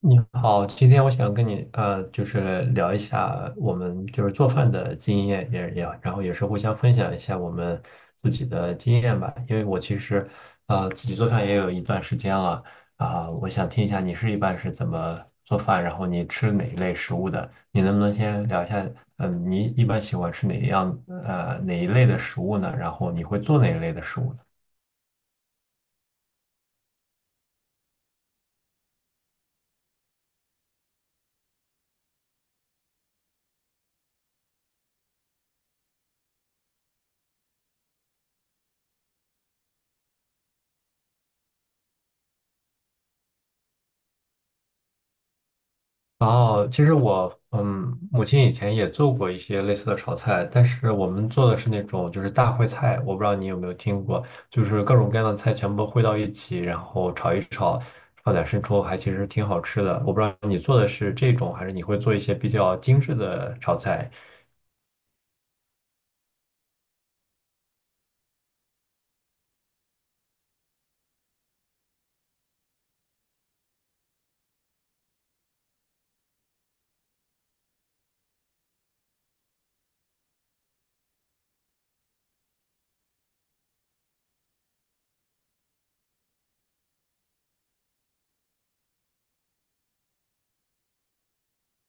你好，今天我想跟你就是聊一下我们就是做饭的经验，也然后也是互相分享一下我们自己的经验吧。因为我其实自己做饭也有一段时间了啊，我想听一下你是一般是怎么做饭，然后你吃哪一类食物的？你能不能先聊一下，嗯，你一般喜欢吃哪一样哪一类的食物呢？然后你会做哪一类的食物呢？哦，其实我嗯，母亲以前也做过一些类似的炒菜，但是我们做的是那种就是大烩菜，我不知道你有没有听过，就是各种各样的菜全部烩到一起，然后炒一炒，放点生抽，还其实挺好吃的。我不知道你做的是这种，还是你会做一些比较精致的炒菜。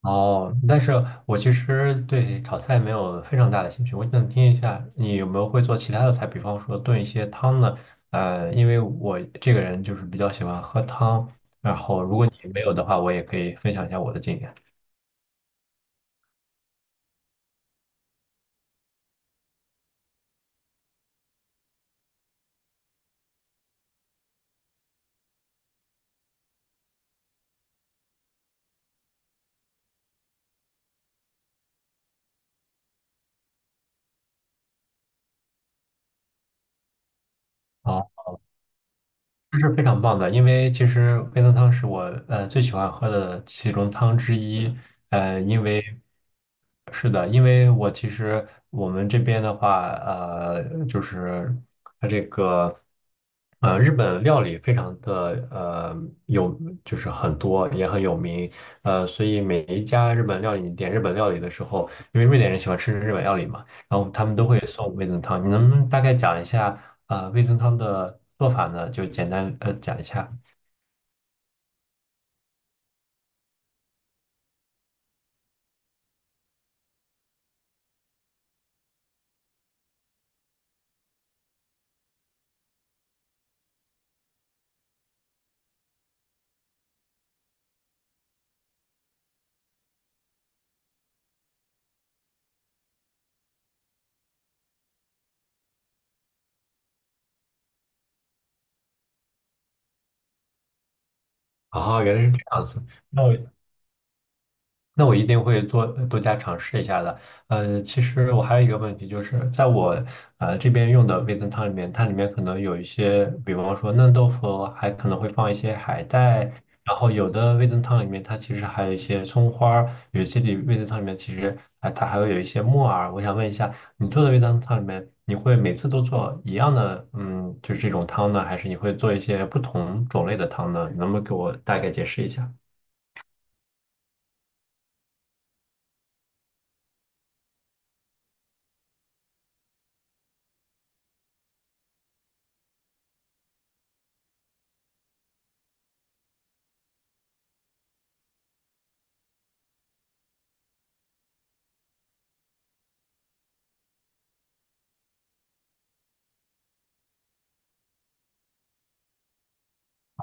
哦，但是我其实对炒菜没有非常大的兴趣。我想听一下你有没有会做其他的菜，比方说炖一些汤呢？因为我这个人就是比较喜欢喝汤，然后如果你没有的话，我也可以分享一下我的经验。好，这是非常棒的，因为其实味增汤是我最喜欢喝的其中汤之一。因为是的，因为我其实我们这边的话，就是。日本料理非常的呃有，就是很多也很有名，所以每一家日本料理，你点日本料理的时候，因为瑞典人喜欢吃日本料理嘛，然后他们都会送味增汤。你能不能大概讲一下啊，味增汤的做法呢？就简单讲一下。哦，原来是这样子。那我。那我一定会多多加尝试一下的。其实我还有一个问题，就是在我这边用的味增汤里面，它里面可能有一些，比方说嫩豆腐，还可能会放一些海带，然后有的味增汤里面它其实还有一些葱花儿，有些里味增汤里面其实哎它还会有一些木耳。我想问一下，你做的味增汤里面，你会每次都做一样的，嗯，就是这种汤呢，还是你会做一些不同种类的汤呢？你能不能给我大概解释一下？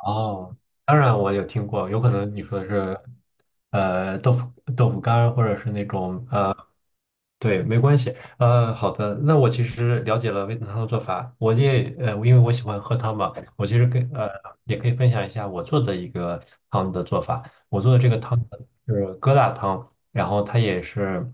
哦，当然我有听过，有可能你说的是，豆腐干儿或者是那种对，没关系。好的，那我其实了解了味噌汤的做法，我也因为我喜欢喝汤嘛，我其实跟也可以分享一下我做的一个汤的做法。我做的这个汤呢是疙瘩汤，然后它也是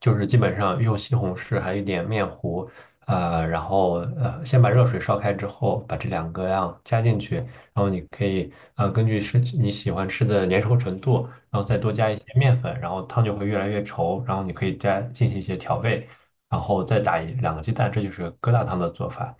就是基本上用西红柿还有一点面糊，然后先把热水烧开之后，把这两个样加进去，然后你可以根据是你喜欢吃的粘稠程度。然后再多加一些面粉，然后汤就会越来越稠，然后你可以加进行一些调味，然后再打一两个鸡蛋，这就是疙瘩汤的做法。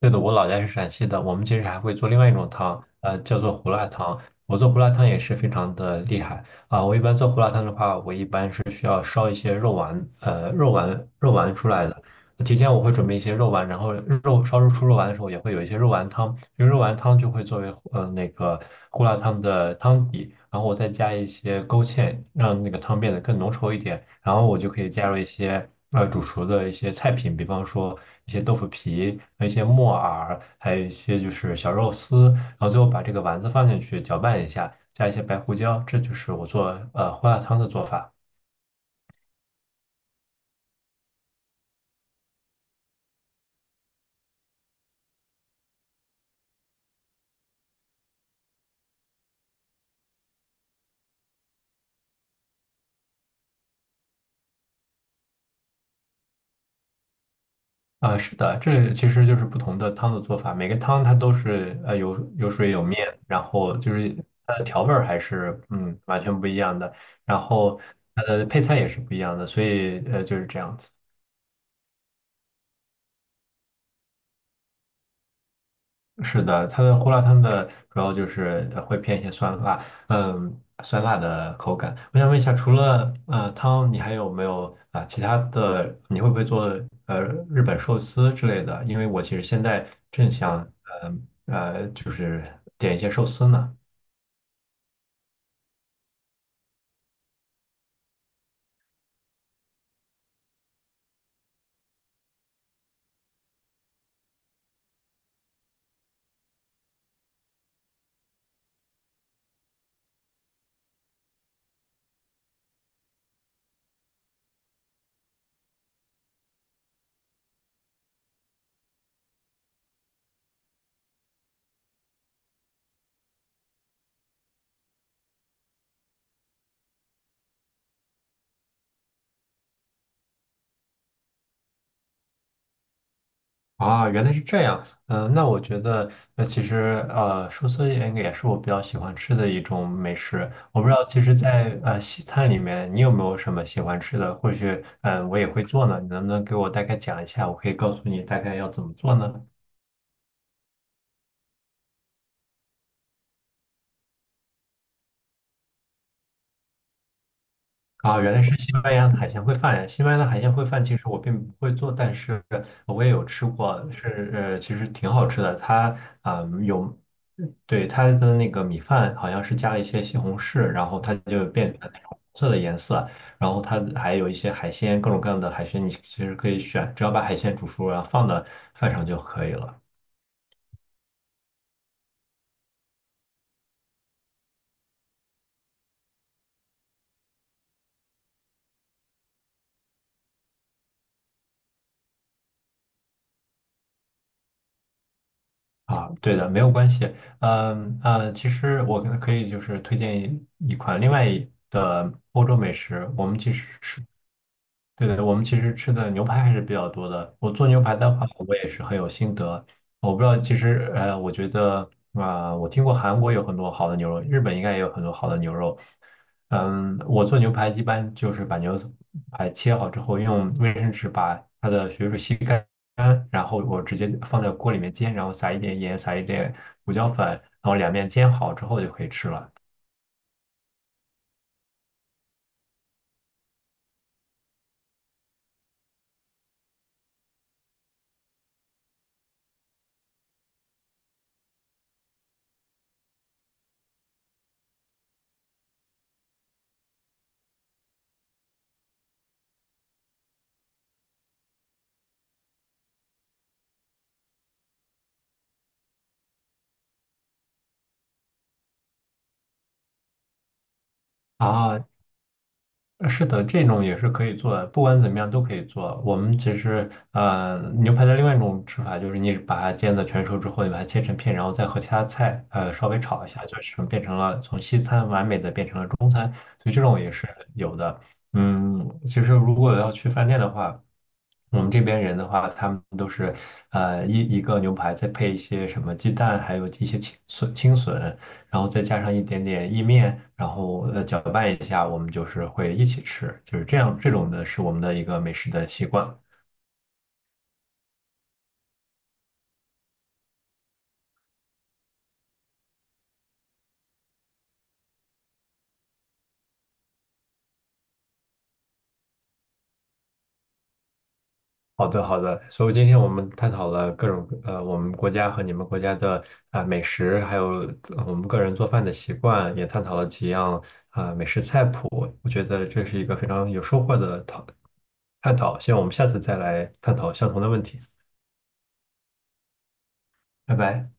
对的，我老家是陕西的，我们其实还会做另外一种汤，叫做胡辣汤。我做胡辣汤也是非常的厉害啊，我一般做胡辣汤的话，我一般是需要烧一些肉丸，肉丸出来的。提前我会准备一些肉丸，然后肉烧肉出肉丸的时候也会有一些肉丸汤，因为肉丸汤就会作为那个胡辣汤的汤底，然后我再加一些勾芡，让那个汤变得更浓稠一点，然后我就可以加入一些煮熟的一些菜品，比方说一些豆腐皮、一些木耳，还有一些就是小肉丝，然后最后把这个丸子放进去搅拌一下，加一些白胡椒，这就是我做胡辣汤的做法。啊，是的，这其实就是不同的汤的做法，每个汤它都是有水有面，然后就是它的调味儿还是嗯完全不一样的，然后它的配菜也是不一样的，所以就是这样子。是的，它的胡辣汤的主要就是会偏一些酸辣，嗯，酸辣的口感。我想问一下，除了汤，你还有没有啊、其他的？你会不会做呃日本寿司之类的？因为我其实现在正想就是点一些寿司呢。啊，原来是这样。嗯、那我觉得，那其实寿司应该也是我比较喜欢吃的一种美食。我不知道，其实在，西餐里面，你有没有什么喜欢吃的？或许，嗯、我也会做呢。你能不能给我大概讲一下？我可以告诉你大概要怎么做呢？啊，原来是西班牙的海鲜烩饭呀！西班牙的海鲜烩饭其实我并不会做，但是我也有吃过，是其实挺好吃的。它啊、有，对它的那个米饭好像是加了一些西红柿，然后它就变成那种红色的颜色，然后它还有一些海鲜，各种各样的海鲜，你其实可以选，只要把海鲜煮熟，然后放到饭上就可以了。啊，对的，没有关系。嗯其实我可以就是推荐一款另外一的欧洲美食，我们其实吃对的，我们其实吃的牛排还是比较多的。我做牛排的话，我也是很有心得。我不知道，其实我觉得啊、我听过韩国有很多好的牛肉，日本应该也有很多好的牛肉。嗯，我做牛排一般就是把牛排切好之后，用卫生纸把它的血水吸干，然后我直接放在锅里面煎，然后撒一点盐，撒一点胡椒粉，然后两面煎好之后就可以吃了。啊，是的，这种也是可以做的，不管怎么样都可以做。我们其实，牛排的另外一种吃法就是你把它煎的全熟之后，你把它切成片，然后再和其他菜，稍微炒一下，就是变成了从西餐完美的变成了中餐，所以这种也是有的。嗯，其实如果要去饭店的话，我们这边人的话，他们都是，一个牛排再配一些什么鸡蛋，还有一些青笋。然后再加上一点点意面，然后搅拌一下，我们就是会一起吃，就是这样，这种的是我们的一个美食的习惯。好的，好的。所以今天我们探讨了各种我们国家和你们国家的啊、美食，还有我们个人做饭的习惯，也探讨了几样啊、美食菜谱。我觉得这是一个非常有收获的探讨。希望我们下次再来探讨相同的问题。拜拜。